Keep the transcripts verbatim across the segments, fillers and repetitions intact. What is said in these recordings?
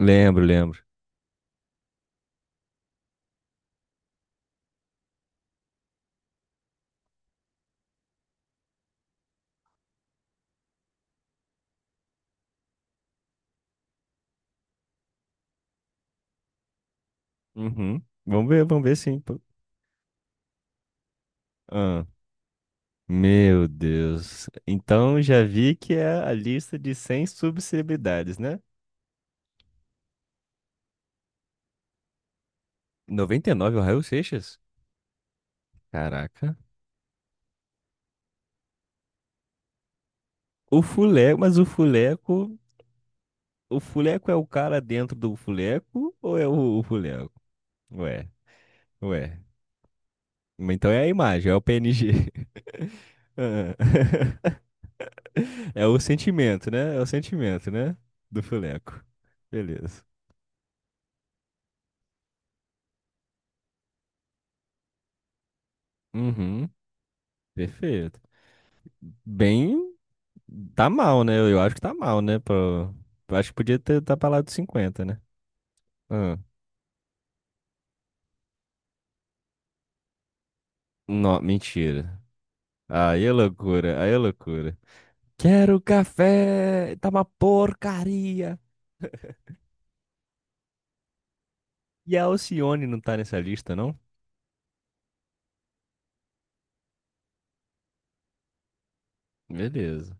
Lembro, lembro. Uhum. Vamos ver, vamos ver sim, pô. Ah, meu Deus. Então já vi que é a lista de cem subcelebridades, né? Noventa e nove o Raul Seixas? Caraca. O Fuleco, mas o Fuleco, o Fuleco é o cara dentro do Fuleco ou é o, o Fuleco? Ué, ué. Então é a imagem, é o P N G. Ah. É o sentimento, né? É o sentimento, né? Do Fuleco. Beleza. Uhum. Perfeito. Bem, tá mal, né? Eu, eu acho que tá mal, né? Pro... Eu acho que podia ter tá pra lá dos cinquenta, né? Ah. Não, mentira. Aí é loucura, aí é loucura. Quero café! Tá uma porcaria! E a Alcione não tá nessa lista, não? Beleza.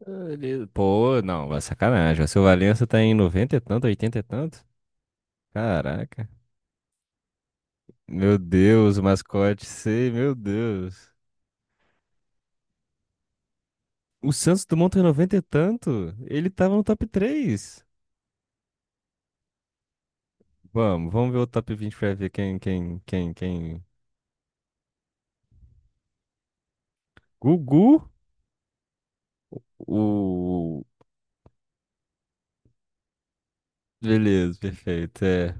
Beleza. Pô, não, vai sacanagem. O seu Valença tá em noventa e tanto, oitenta e tanto? Caraca. Meu Deus, o mascote, sei, meu Deus. O Santos Dumont tem noventa e tanto? Ele tava no top três. Vamos, vamos ver o top vinte pra ver quem, quem, quem, quem. Gugu? O. Beleza, perfeito. É.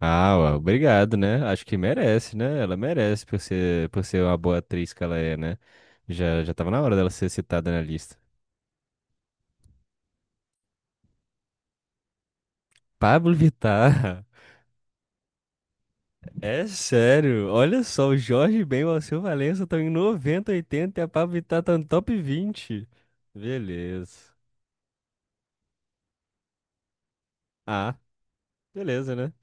Ah, ó, obrigado, né? Acho que merece, né? Ela merece por ser, por ser uma boa atriz que ela é, né? Já, já tava na hora dela ser citada na lista. Pablo Vittar, é sério. Olha só, o Jorge Ben e o Alceu Valença estão em noventa, oitenta, e a Pablo Vittar tá no top vinte. Beleza. Ah, beleza, né?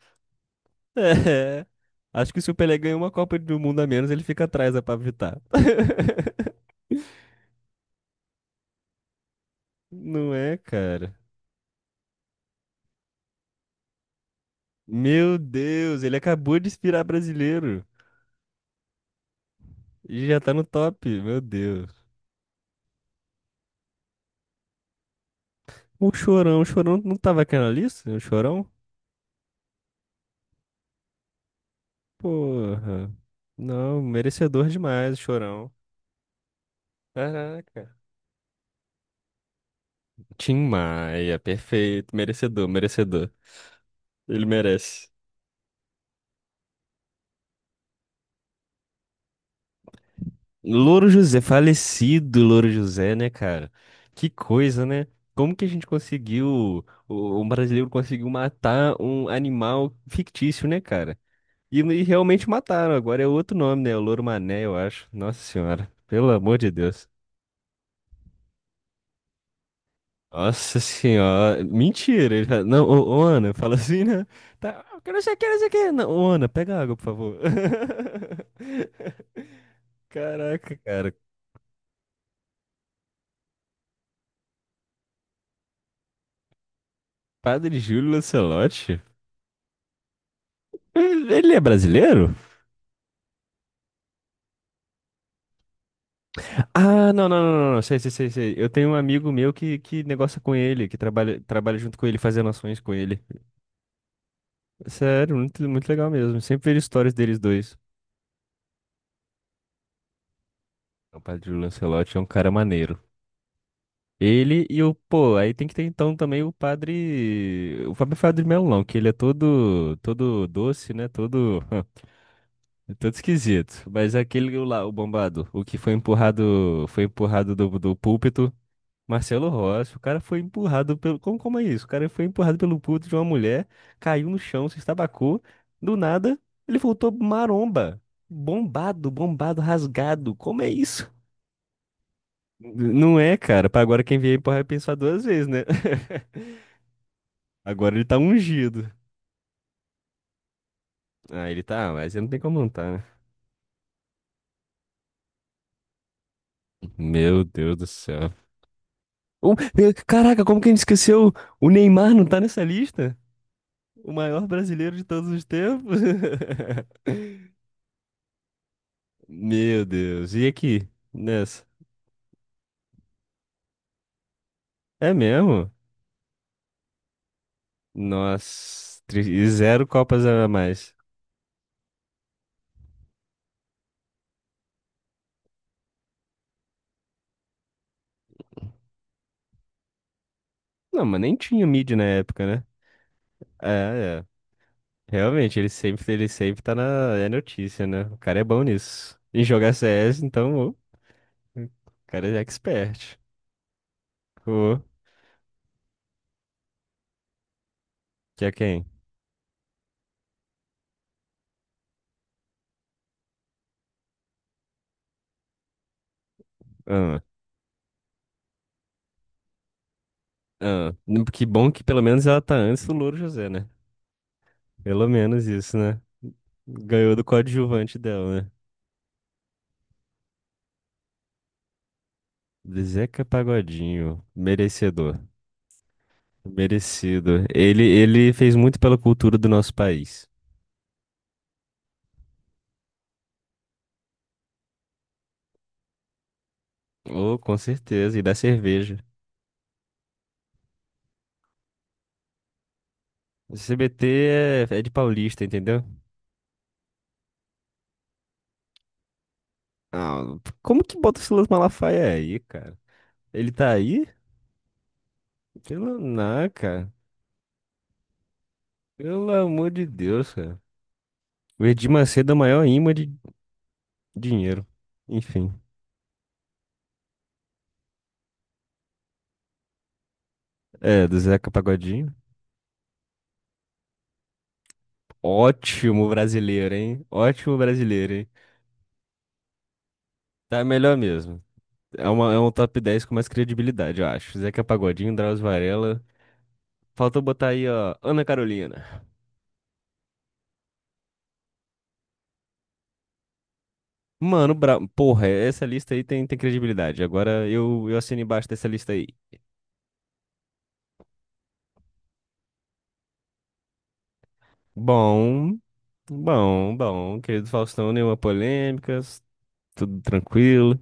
É. Acho que se o Pelé ganha uma Copa do Mundo a menos, ele fica atrás da Pablo Vittar. Não é, cara. Meu Deus, ele acabou de inspirar brasileiro. E já tá no top, meu Deus. O Chorão, o Chorão não tava aqui na lista? O Chorão? Porra. Não, merecedor demais, o Chorão. Caraca. Tim Maia, perfeito, merecedor, merecedor. Ele merece. Louro José, falecido Louro José, né, cara? Que coisa, né? Como que a gente conseguiu, o- um brasileiro conseguiu matar um animal fictício, né, cara? E, e realmente mataram, agora é outro nome, né? O Louro Mané, eu acho. Nossa Senhora, pelo amor de Deus. Nossa Senhora, mentira. Ele fala, não, ô, ô, Ana, fala assim, né? Tá, eu quero não sei o que, não sei o que. Não, ô, Ana, pega água, por favor. Caraca, cara. Padre Júlio Lancelotti? Ele é brasileiro? Ah, não, não, não, não, não. Sei, sei, sei, sei. Eu tenho um amigo meu que, que negocia com ele, que trabalha, trabalha junto com ele, fazendo ações com ele. Sério, muito, muito legal mesmo. Sempre vejo histórias deles dois. O padre Lancelotti é um cara maneiro. Ele e o, pô, aí tem que ter então também o padre, o Fábio Fábio de Melão, que ele é todo, todo doce, né? Todo, é todo esquisito. Mas aquele lá, o bombado, o que foi empurrado, foi empurrado do, do púlpito. Marcelo Rossi, o cara foi empurrado pelo. Como, como é isso? O cara foi empurrado pelo puto de uma mulher, caiu no chão, se estabacou. Do nada, ele voltou maromba. Bombado, bombado, rasgado. Como é isso? N- Não é, cara. Pra agora quem vier porra vai pensar duas vezes, né? Agora ele tá ungido. Ah, ele tá, mas ele não tem como não tá, né? Meu Deus do céu. O- eh, caraca, como que a gente esqueceu? O Neymar não tá nessa lista? O maior brasileiro de todos os tempos? Meu Deus. E aqui? Nessa? É mesmo? Nossa. tri- E zero copas a mais. Não, mas nem tinha mídia na época, né? É, é. Realmente, ele sempre, ele sempre tá na é notícia, né? O cara é bom nisso. Em jogar C S, então, ô, o cara é expert. Ô, que é quem? Ah, ah. Que bom que pelo menos ela tá antes do Louro José, né? Pelo menos isso, né? Ganhou do coadjuvante dela, né? Zeca Pagodinho, merecedor. Merecido. Ele, ele fez muito pela cultura do nosso país. Oh, com certeza. E da cerveja. O C B T é, é de paulista, entendeu? Ah, como que bota o Silas Malafaia aí, cara? Ele tá aí? Pelo na, cara. Pelo amor de Deus, cara. O Edir Macedo é o maior imã de dinheiro. Enfim. É, do Zeca Pagodinho. Ótimo brasileiro, hein? Ótimo brasileiro, hein? Tá melhor mesmo. É, uma, é um top dez com mais credibilidade, eu acho. Zeca Pagodinho, Drauzio Varela. Faltou botar aí, ó, Ana Carolina. Mano, bra... porra, essa lista aí tem, tem credibilidade. Agora eu, eu assino embaixo dessa lista aí. Bom, bom, bom. Querido Faustão, nenhuma polêmica, tudo tranquilo.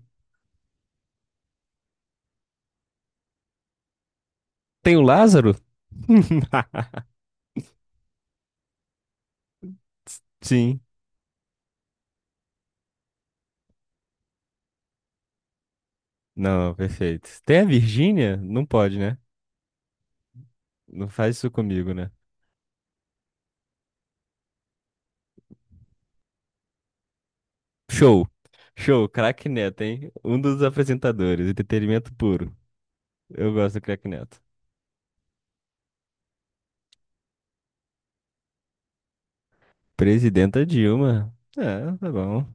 Tem o Lázaro? Sim. Não, perfeito. Tem a Virgínia? Não pode, né? Não faz isso comigo, né? Show. Show, craque Neto, hein? Um dos apresentadores, entretenimento puro. Eu gosto do craque Neto. Presidenta Dilma. É, tá bom.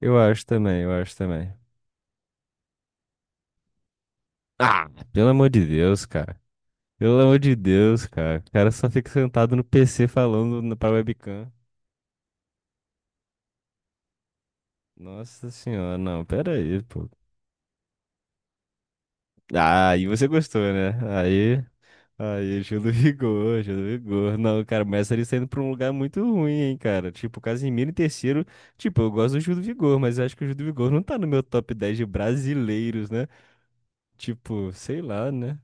Eu acho também, eu acho também. Ah, pelo amor de Deus, cara. Pelo amor de Deus, cara. O cara só fica sentado no P C falando na- pra webcam. Nossa senhora, não, pera aí, pô. Ah, aí você gostou, né? Aí, aí, Júlio Vigor, Júlio Vigor. Não, cara, mas ele saindo pra um lugar muito ruim, hein, cara. Tipo, Casimiro em terceiro. Tipo, eu gosto do Júlio Vigor, mas eu acho que o Júlio Vigor não tá no meu top dez de brasileiros, né? Tipo, sei lá, né?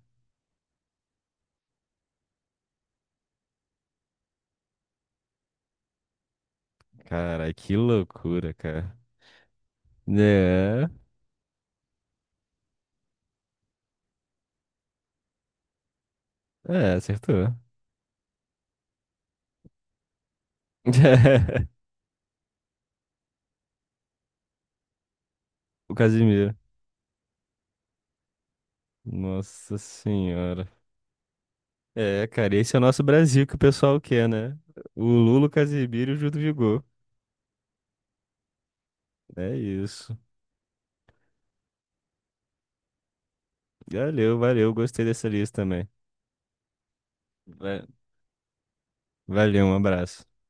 Cara, que loucura, cara. É. É, acertou. O Casimiro. Nossa senhora. É, cara, esse é o nosso Brasil que o pessoal quer, né? O Lula, o Casimiro e o Gil do Vigor. É isso. Valeu, valeu. Gostei dessa lista também. Va- Valeu, um abraço.